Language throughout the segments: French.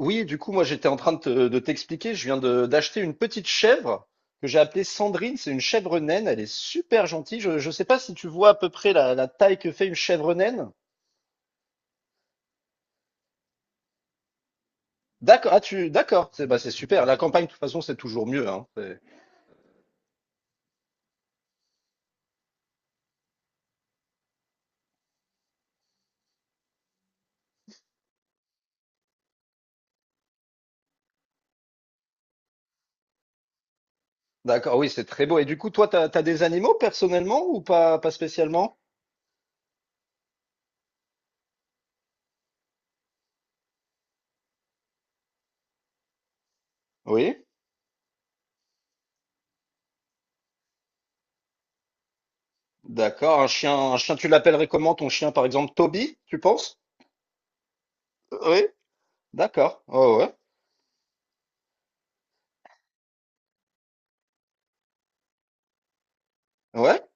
Oui, du coup, moi, j'étais en train de de t'expliquer. Je viens d'acheter une petite chèvre que j'ai appelée Sandrine. C'est une chèvre naine. Elle est super gentille. Je ne sais pas si tu vois à peu près la taille que fait une chèvre naine. D'accord. Ah, d'accord. C'est bah, c'est super. La campagne, de toute façon, c'est toujours mieux, hein. D'accord. Oui, c'est très beau. Et du coup, toi, t'as des animaux personnellement ou pas spécialement? Oui. D'accord. Un chien, tu l'appellerais comment ton chien, par exemple, Toby, tu penses? Oui. D'accord. Oh, ouais. Ouais.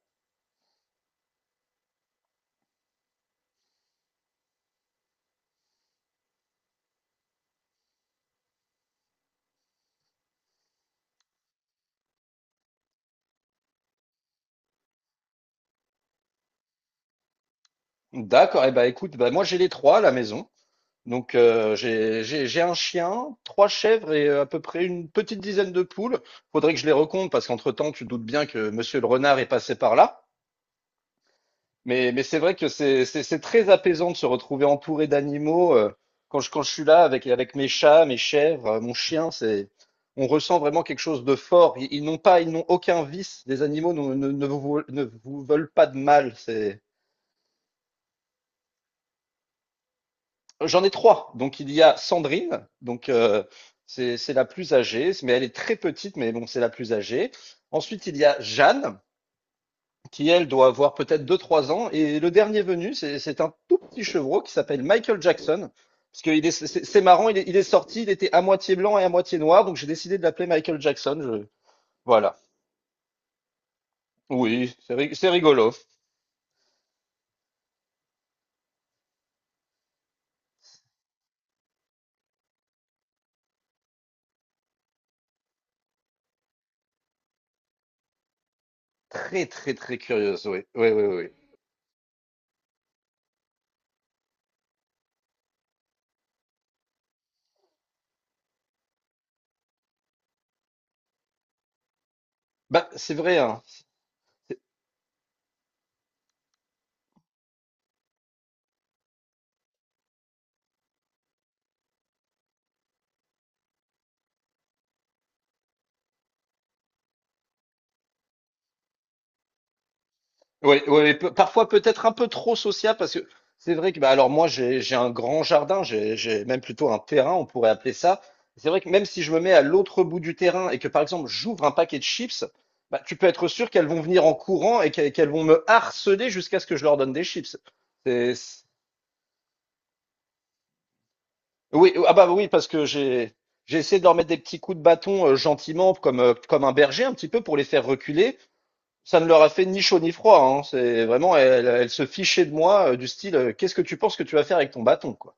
D'accord. Eh ben, écoute, bah, moi, j'ai les trois à la maison. Donc j'ai un chien, trois chèvres et à peu près une petite dizaine de poules. Faudrait que je les recompte parce qu'entre-temps, tu te doutes bien que Monsieur le renard est passé par là. Mais c'est vrai que c'est très apaisant de se retrouver entouré d'animaux, quand je suis là avec mes chats, mes chèvres, mon chien. C'est on ressent vraiment quelque chose de fort. Ils n'ont pas ils n'ont aucun vice. Les animaux ne vous veulent pas de mal. C'est J'en ai trois. Donc il y a Sandrine, donc, c'est la plus âgée, mais elle est très petite, mais bon, c'est la plus âgée. Ensuite, il y a Jeanne, qui elle doit avoir peut-être deux trois ans. Et le dernier venu, c'est un tout petit chevreau qui s'appelle Michael Jackson. Parce que il est- c'est marrant, il est sorti, il était à moitié blanc et à moitié noir, donc j'ai décidé de l'appeler Michael Jackson. Voilà. Oui, c'est rigolo. Très, très, très curieuse, oui. Oui, oui, oui. Oui. Bah, c'est vrai, hein. Oui, oui, parfois peut-être un peu trop social, parce que c'est vrai que bah alors moi j'ai un grand jardin, j'ai même plutôt un terrain, on pourrait appeler ça. C'est vrai que même si je me mets à l'autre bout du terrain et que par exemple j'ouvre un paquet de chips, bah tu peux être sûr qu'elles vont venir en courant et qu'elles vont me harceler jusqu'à ce que je leur donne des chips. C'est- c'est- Oui, ah bah oui parce que j'ai essayé de leur mettre des petits coups de bâton, gentiment comme, comme un berger un petit peu pour les faire reculer. Ça ne leur a fait ni chaud ni froid, hein. C'est vraiment, elle se fichait de moi, du style, qu'est-ce que tu penses que tu vas faire avec ton bâton, quoi.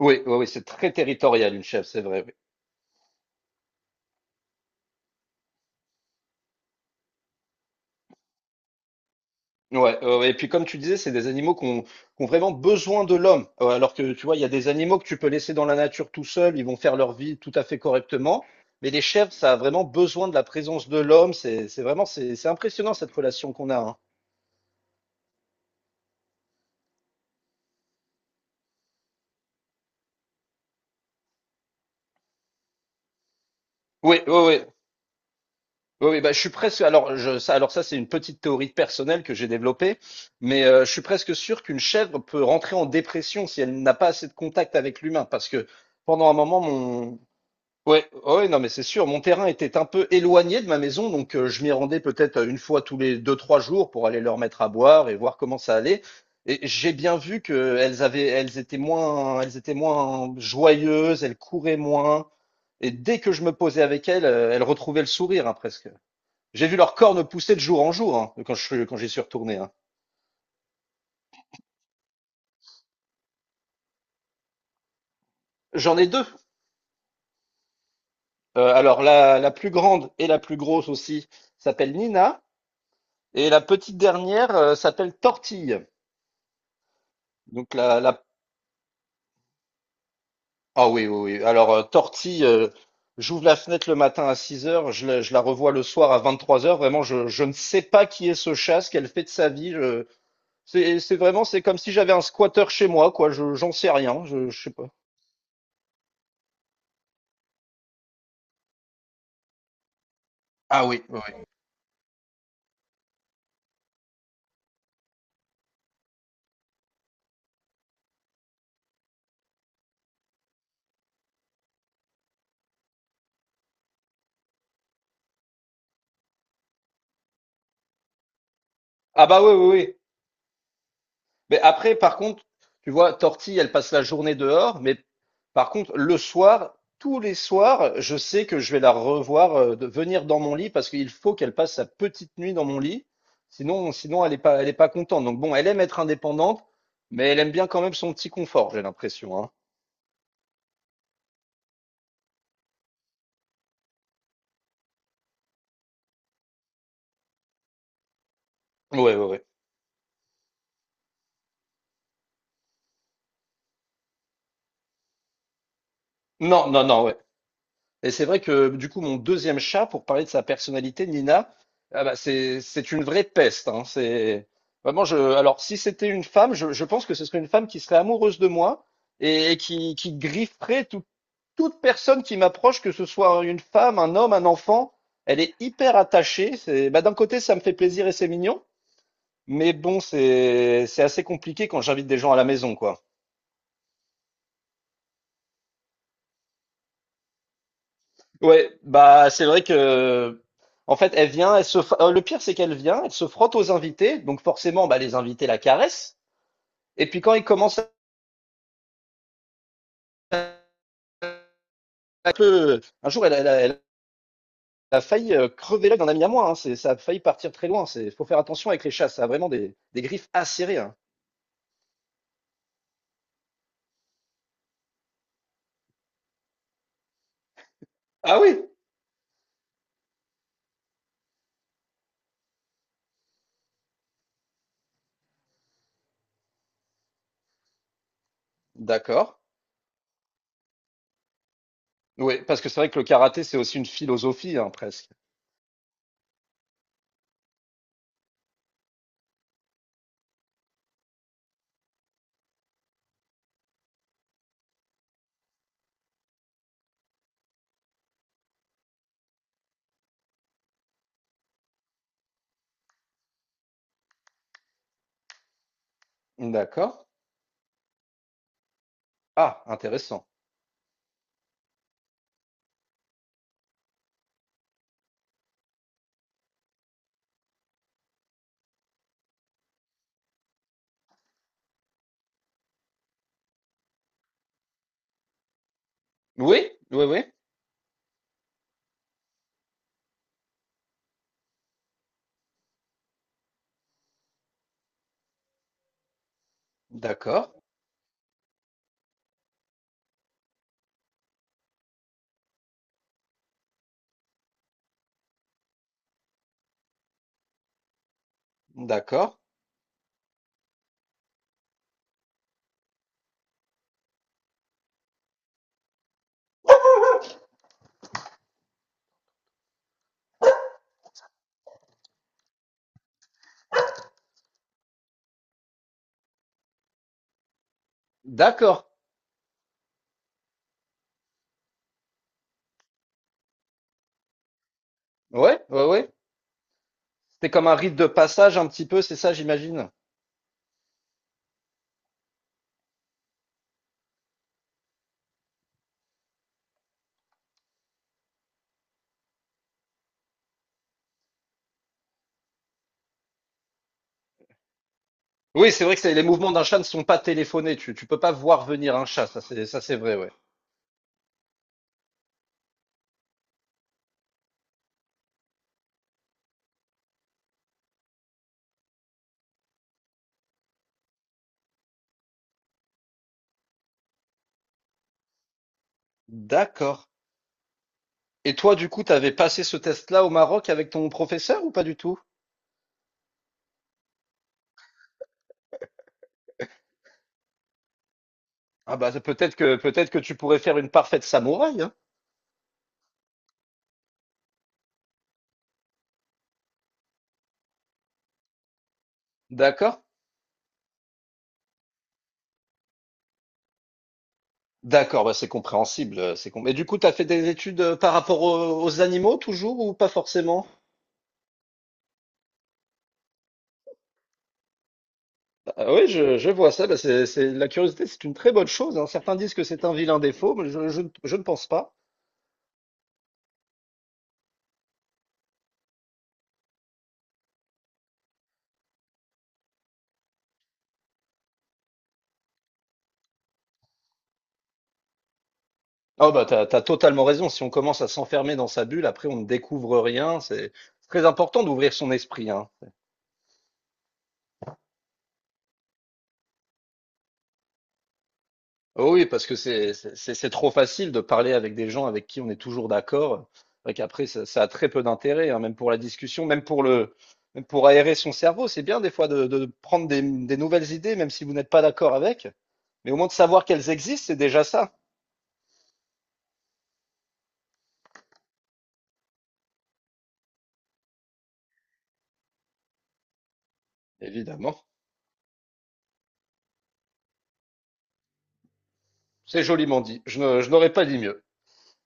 Oui, oui, oui, c'est très territorial, une chèvre, c'est vrai. Oui. Ouais, et puis comme tu disais, c'est des animaux qui ont vraiment besoin de l'homme. Alors que tu vois, il y a des animaux que tu peux laisser dans la nature tout seul, ils vont faire leur vie tout à fait correctement. Mais les chèvres, ça a vraiment besoin de la présence de l'homme. C'est vraiment, c'est impressionnant, cette relation qu'on a, hein. Oui, oui, oui. Oui, oui, bah, je suis presque... Alors ça, c'est une petite théorie personnelle que j'ai développée, mais je suis presque sûr qu'une chèvre peut rentrer en dépression si elle n'a pas assez de contact avec l'humain, parce que pendant un moment, ouais, ouais, non, mais c'est sûr, mon terrain était un peu éloigné de ma maison, donc je m'y rendais peut-être, une fois tous les deux, trois jours, pour aller leur mettre à boire et voir comment ça allait. Et j'ai bien vu que elles étaient moins joyeuses, elles couraient moins, et dès que je me posais avec elles, elles retrouvaient le sourire, hein, presque. J'ai vu leurs cornes pousser de jour en jour, hein, quand j'y suis retourné. Hein. J'en ai deux. Alors la plus grande et la plus grosse aussi s'appelle Nina, et la petite dernière, s'appelle Tortille. Donc la, la... ah oui, oui, oui. Alors, Tortille, j'ouvre la fenêtre le matin à 6 heures, je la revois le soir à 23 heures. Vraiment, je ne sais pas qui est ce chat, ce qu'elle fait de sa vie. C'est vraiment, c'est comme si j'avais un squatter chez moi, quoi. Je j'en sais rien. Je sais pas. Ah oui, oui. Oui. Ah bah oui, oui, oui. Mais après, par contre, tu vois, Tortille, elle passe la journée dehors, mais par contre, le soir, tous les soirs, je sais que je vais la revoir, de venir dans mon lit, parce qu'il faut qu'elle passe sa petite nuit dans mon lit. Sinon, elle est pas contente. Donc bon, elle aime être indépendante, mais elle aime bien quand même son petit confort, j'ai l'impression, hein. Ouais, ouais, ouais. Non, non, non, ouais. Et c'est vrai que du coup, mon deuxième chat, pour parler de sa personnalité, Nina, ah bah, c'est une vraie peste, hein. C'est vraiment je. Alors si c'était une femme, je pense que ce serait une femme qui serait amoureuse de moi, et qui grifferait toute personne qui m'approche, que ce soit une femme, un homme, un enfant. Elle est hyper attachée. C'est bah, d'un côté ça me fait plaisir et c'est mignon, mais bon, c'est assez compliqué quand j'invite des gens à la maison, quoi. Ouais, bah c'est vrai que en fait elle vient, le pire c'est qu'elle vient, elle se frotte aux invités, donc forcément bah les invités la caressent. Et puis quand ils commencent à un peu, un jour elle a failli, crever l'œil d'un ami à moi, hein, ça a failli partir très loin. Faut faire attention avec les chats, ça a vraiment des griffes acérées, hein. Ah oui? D'accord. Oui, parce que c'est vrai que le karaté c'est aussi une philosophie, hein, presque. D'accord. Ah, intéressant. Oui, oui, oui. D'accord, d'accord, d'accord. Ouais, ouais, ouais. C'est comme un rite de passage un petit peu, c'est ça, j'imagine? Oui, c'est vrai que les mouvements d'un chat ne sont pas téléphonés. Tu peux pas voir venir un chat, ça c'est vrai, ouais. D'accord. Et toi, du coup, t'avais passé ce test-là au Maroc avec ton professeur, ou pas du tout? Ah bah c'est peut-être que tu pourrais faire une parfaite samouraï, hein. D'accord? D'accord, bah c'est compréhensible. Et du coup, t'as fait des études, par rapport aux animaux toujours, ou pas forcément? Ah oui, je vois ça. Bah, la curiosité, c'est une très bonne chose, hein. Certains disent que c'est un vilain défaut, mais je ne pense pas. Oh bah t'as totalement raison. Si on commence à s'enfermer dans sa bulle, après on ne découvre rien. C'est très important d'ouvrir son esprit, hein. Oh oui, parce que c'est trop facile de parler avec des gens avec qui on est toujours d'accord. C'est vrai qu'après, ça a très peu d'intérêt, hein, même pour la discussion, même pour le, même pour aérer son cerveau. C'est bien des fois de prendre des nouvelles idées, même si vous n'êtes pas d'accord avec. Mais au moins de savoir qu'elles existent, c'est déjà ça. Évidemment. C'est joliment dit. Je n'aurais pas dit mieux.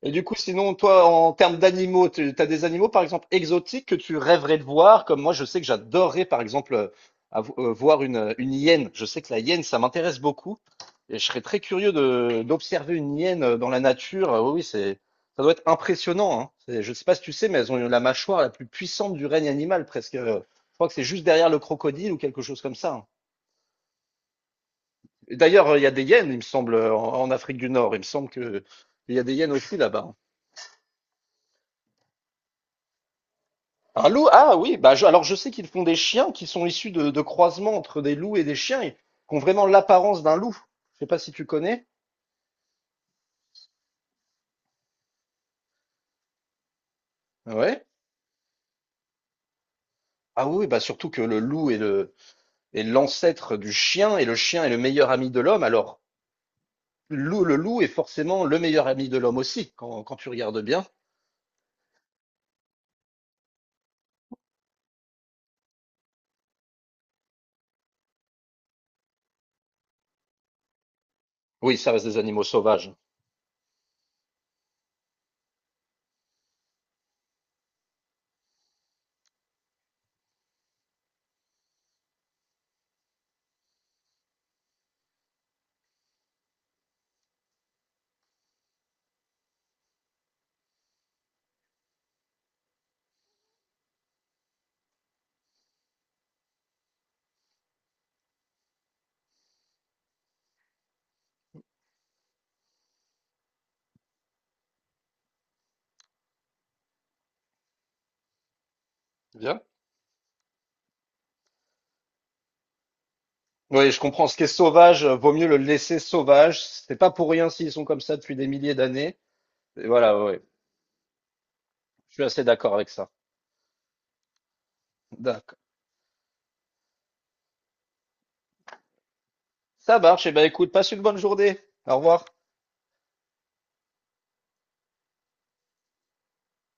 Et du coup, sinon, toi, en termes d'animaux, tu as des animaux, par exemple, exotiques, que tu rêverais de voir? Comme moi, je sais que j'adorerais, par exemple, voir une hyène. Je sais que la hyène, ça m'intéresse beaucoup. Et je serais très curieux d'observer une hyène, dans la nature. Oui, ça doit être impressionnant, hein. Je ne sais pas si tu sais, mais elles ont la mâchoire la plus puissante du règne animal, presque. Je crois que c'est juste derrière le crocodile ou quelque chose comme ça, hein. Et d'ailleurs, il y a des hyènes, il me semble, en Afrique du Nord. Il me semble que il y a des hyènes aussi là-bas, hein. Un loup? Ah oui, bah alors je sais qu'ils font des chiens qui sont issus de croisements entre des loups et des chiens, et qui ont vraiment l'apparence d'un loup. Je sais pas si tu connais. Ouais. Ah oui, oui, bah surtout que le loup est le est l'ancêtre du chien, et le chien est le meilleur ami de l'homme. Alors, le loup est forcément le meilleur ami de l'homme aussi, quand, tu regardes bien. Oui, ça reste des animaux sauvages. Bien. Oui, je comprends. Ce qui est sauvage, vaut mieux le laisser sauvage. C'est pas pour rien s'ils sont comme ça depuis des milliers d'années. Et voilà, ouais. Ouais. Je suis assez d'accord avec ça. D'accord. Ça marche. Eh ben, écoute, passe une bonne journée. Au revoir.